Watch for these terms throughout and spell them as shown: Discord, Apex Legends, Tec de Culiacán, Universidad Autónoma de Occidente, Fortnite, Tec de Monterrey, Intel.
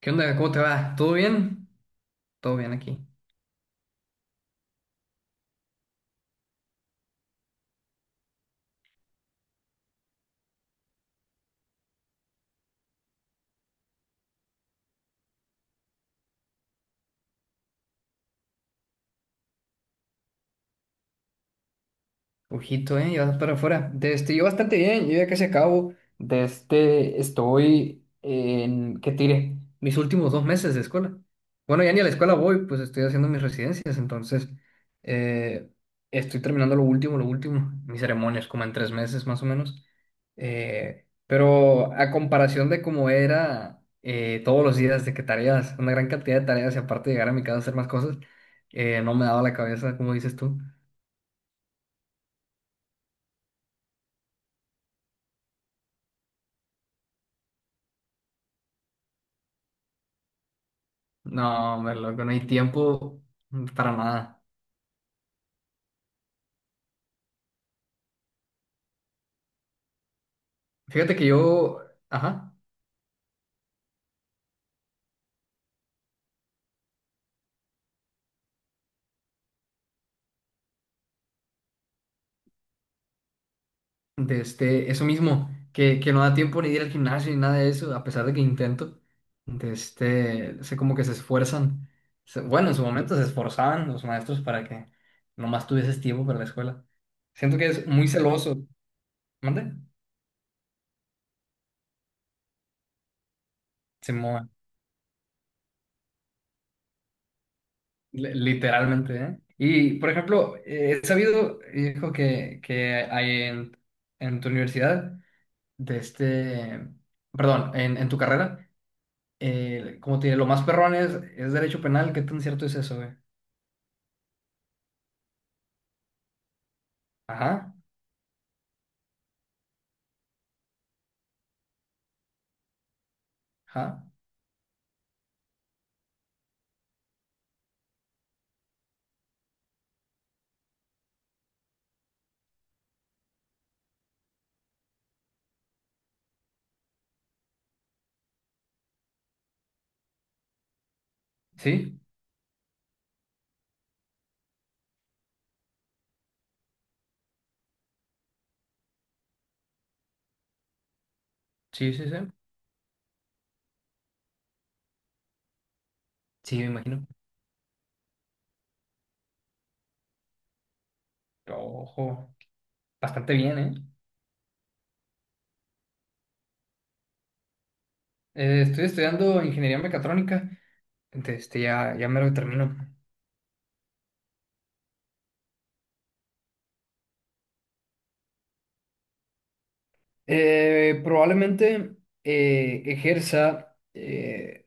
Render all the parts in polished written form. ¿Qué onda? ¿Cómo te va? ¿Todo bien? Todo bien aquí. Ojito, ¿eh? Y vas para afuera. Yo bastante bien, yo ya casi acabo. Estoy en, ¿qué tiré? Mis últimos 2 meses de escuela. Bueno, ya ni a la escuela voy, pues estoy haciendo mis residencias, entonces eh, estoy terminando lo último, mis ceremonias, como en 3 meses más o menos. Pero a comparación de cómo era, todos los días, de que tareas, una gran cantidad de tareas y aparte llegar a mi casa a hacer más cosas, no me daba la cabeza, como dices tú. No, hombre, loco, no hay tiempo para nada. Fíjate que yo, ajá, eso mismo, que no da tiempo ni de ir al gimnasio ni nada de eso, a pesar de que intento, sé como que se esfuerzan. Bueno, en su momento se esforzaban los maestros para que nomás tuvieses tiempo para la escuela. Siento que es muy celoso. ¿Mande? Se mueve, literalmente, ¿eh? Y, por ejemplo, he sabido, hijo, que hay en, tu universidad. de este, perdón, en tu carrera, como te lo más perrón es derecho penal. ¿Qué tan cierto es eso, güey? Ajá, ajá, sí, sí, sí, sí, sí, me imagino. Ojo, bastante bien, ¿eh? Estoy estudiando ingeniería mecatrónica, entonces ya me lo termino. Probablemente ejerza,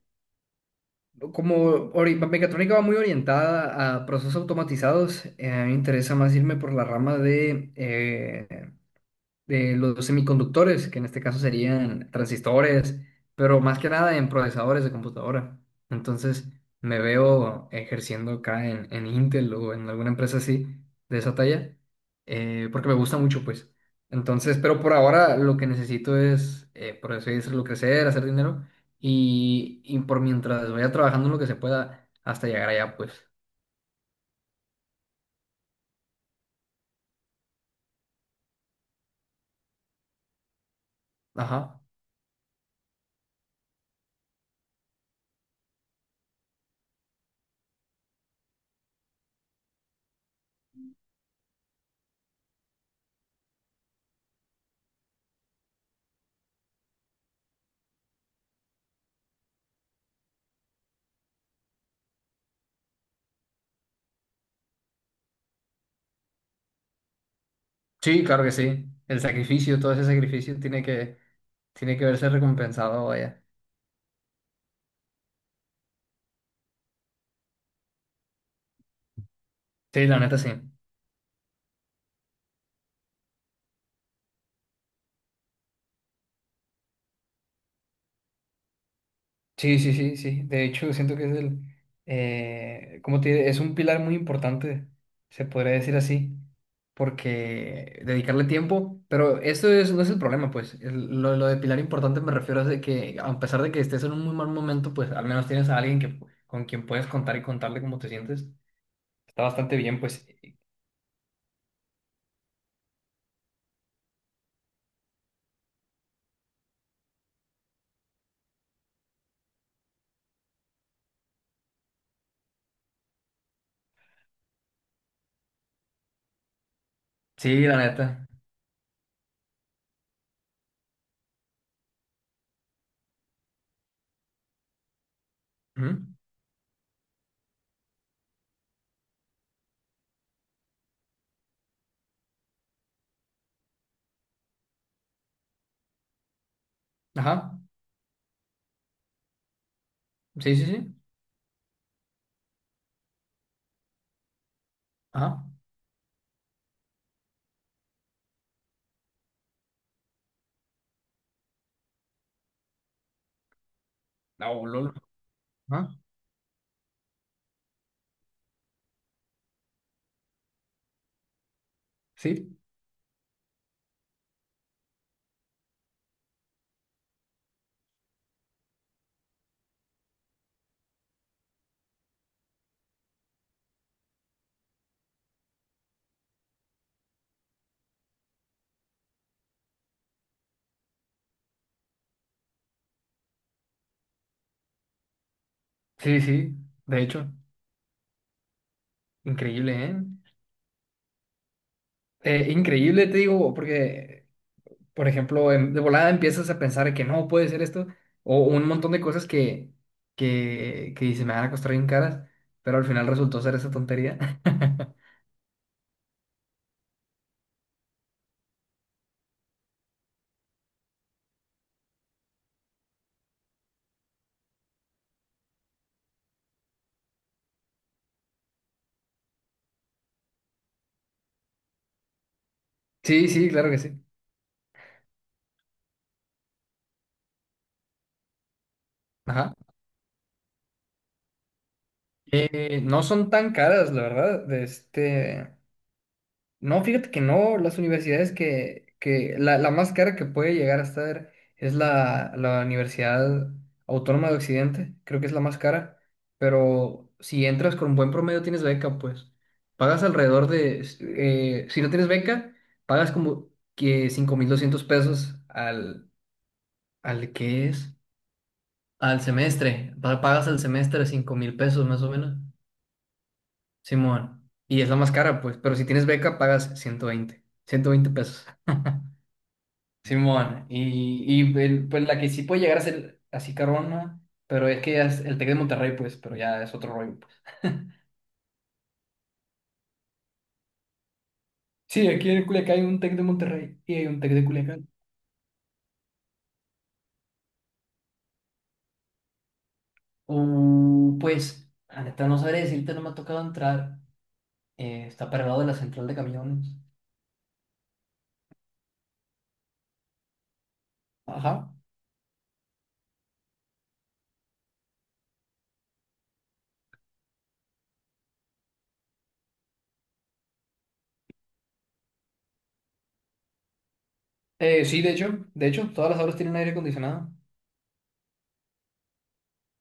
como mecatrónica va muy orientada a procesos automatizados. A mí me interesa más irme por la rama de los semiconductores, que en este caso serían transistores, pero más que nada en procesadores de computadora. Entonces, me veo ejerciendo acá en Intel o en alguna empresa así, de esa talla, porque me gusta mucho, pues. Entonces, pero por ahora lo que necesito es, por así decirlo, crecer, hacer dinero y por mientras vaya trabajando lo que se pueda hasta llegar allá, pues. Ajá. Sí, claro que sí. El sacrificio, todo ese sacrificio tiene que, tiene que verse recompensado, vaya. Sí, la neta sí. Sí, sí, sí, sí. De hecho, siento que es como te diré, es un pilar muy importante, se podría decir así, porque dedicarle tiempo, pero esto es, no es el problema, pues. Lo de pilar importante me refiero a de que, a pesar de que estés en un muy mal momento, pues al menos tienes a alguien que, con quien puedes contar y contarle cómo te sientes. Está bastante bien, pues. Sí, la neta. Ujú. Ajá. Sí, sí, sí. Ajá. Ah, oh, lol. Ajá. Sí. Sí, sí, de hecho, increíble, ¿eh? Increíble, te digo, porque, por ejemplo, de volada empiezas a pensar que no puede ser esto, o un montón de cosas que, que se me van a costar bien caras, pero al final resultó ser esa tontería. Sí, sí, claro que sí. Ajá. No son tan caras, la verdad, no, fíjate que no, las universidades que la, la, más cara que puede llegar a estar es la Universidad Autónoma de Occidente, creo que es la más cara, pero si entras con buen promedio tienes beca, pues pagas alrededor de, si no tienes beca, pagas como que 5200 pesos al al semestre, pagas al semestre 5000 pesos más o menos. Simón, y es la más cara, pues, pero si tienes beca pagas ciento veinte pesos. Simón, y pues la que sí puede llegar a ser así carona, pero es que ya es el Tec de Monterrey, pues, pero ya es otro rollo, pues. Sí, aquí en Culiacán hay un Tec de Monterrey y hay un Tec de Culiacán. Pues, la neta no sabré decirte, no me ha tocado entrar. Está para el lado de la central de camiones. Ajá. Sí, de hecho, todas las aulas tienen aire acondicionado.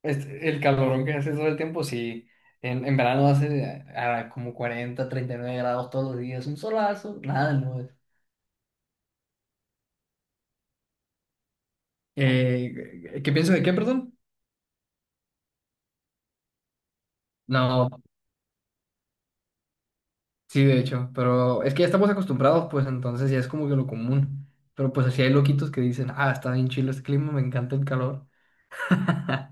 El calorón que hace todo el tiempo, sí. en, verano hace como 40, 39 grados todos los días, un solazo, nada, no. ¿Qué pienso de qué, perdón? No, sí, de hecho, pero es que ya estamos acostumbrados, pues entonces ya es como que lo común. Pero pues así hay loquitos que dicen: "Ah, está bien chido este clima, me encanta el calor".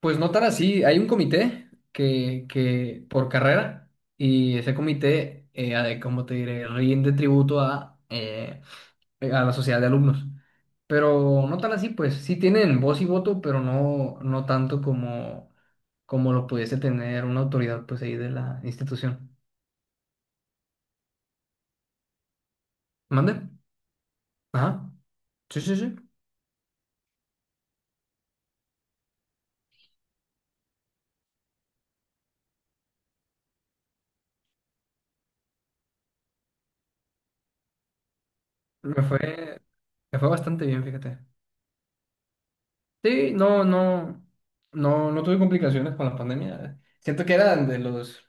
Pues no tan así, hay un comité que por carrera y ese comité, ¿cómo te diré? Rinde tributo a la sociedad de alumnos. Pero no tan así, pues sí tienen voz y voto, pero no, no tanto como lo pudiese tener una autoridad pues ahí de la institución. ¿Mande? Ajá. Sí, sí, sí. Me fue, me fue bastante bien, fíjate. Sí, no, no, no, no tuve complicaciones con la pandemia. Siento que eran de los,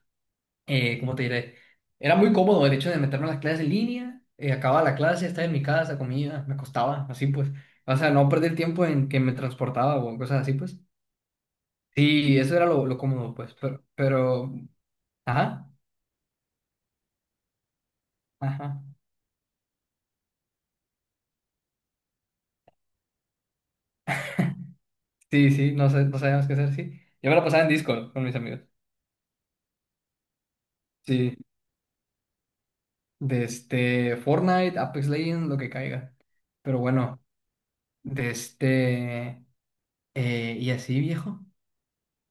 ¿cómo te diré? Era muy cómodo el hecho de meterme a las clases en línea, acababa la clase, estaba en mi casa, comía, me acostaba, así pues. O sea, no perder tiempo en que me transportaba o cosas así, pues. Sí, eso era lo cómodo, pues. Ajá, ajá. Sí, sí, no sé, no sabíamos qué hacer, sí. Yo me la pasaba en Discord con mis amigos. Sí, desde Fortnite, Apex Legends, lo que caiga. Pero bueno, desde... y así, viejo.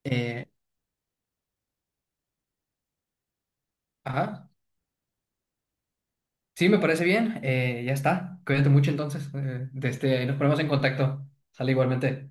Eh, ajá. Sí, me parece bien. Ya está. Cuídate mucho entonces. Ahí nos ponemos en contacto. Sale igualmente.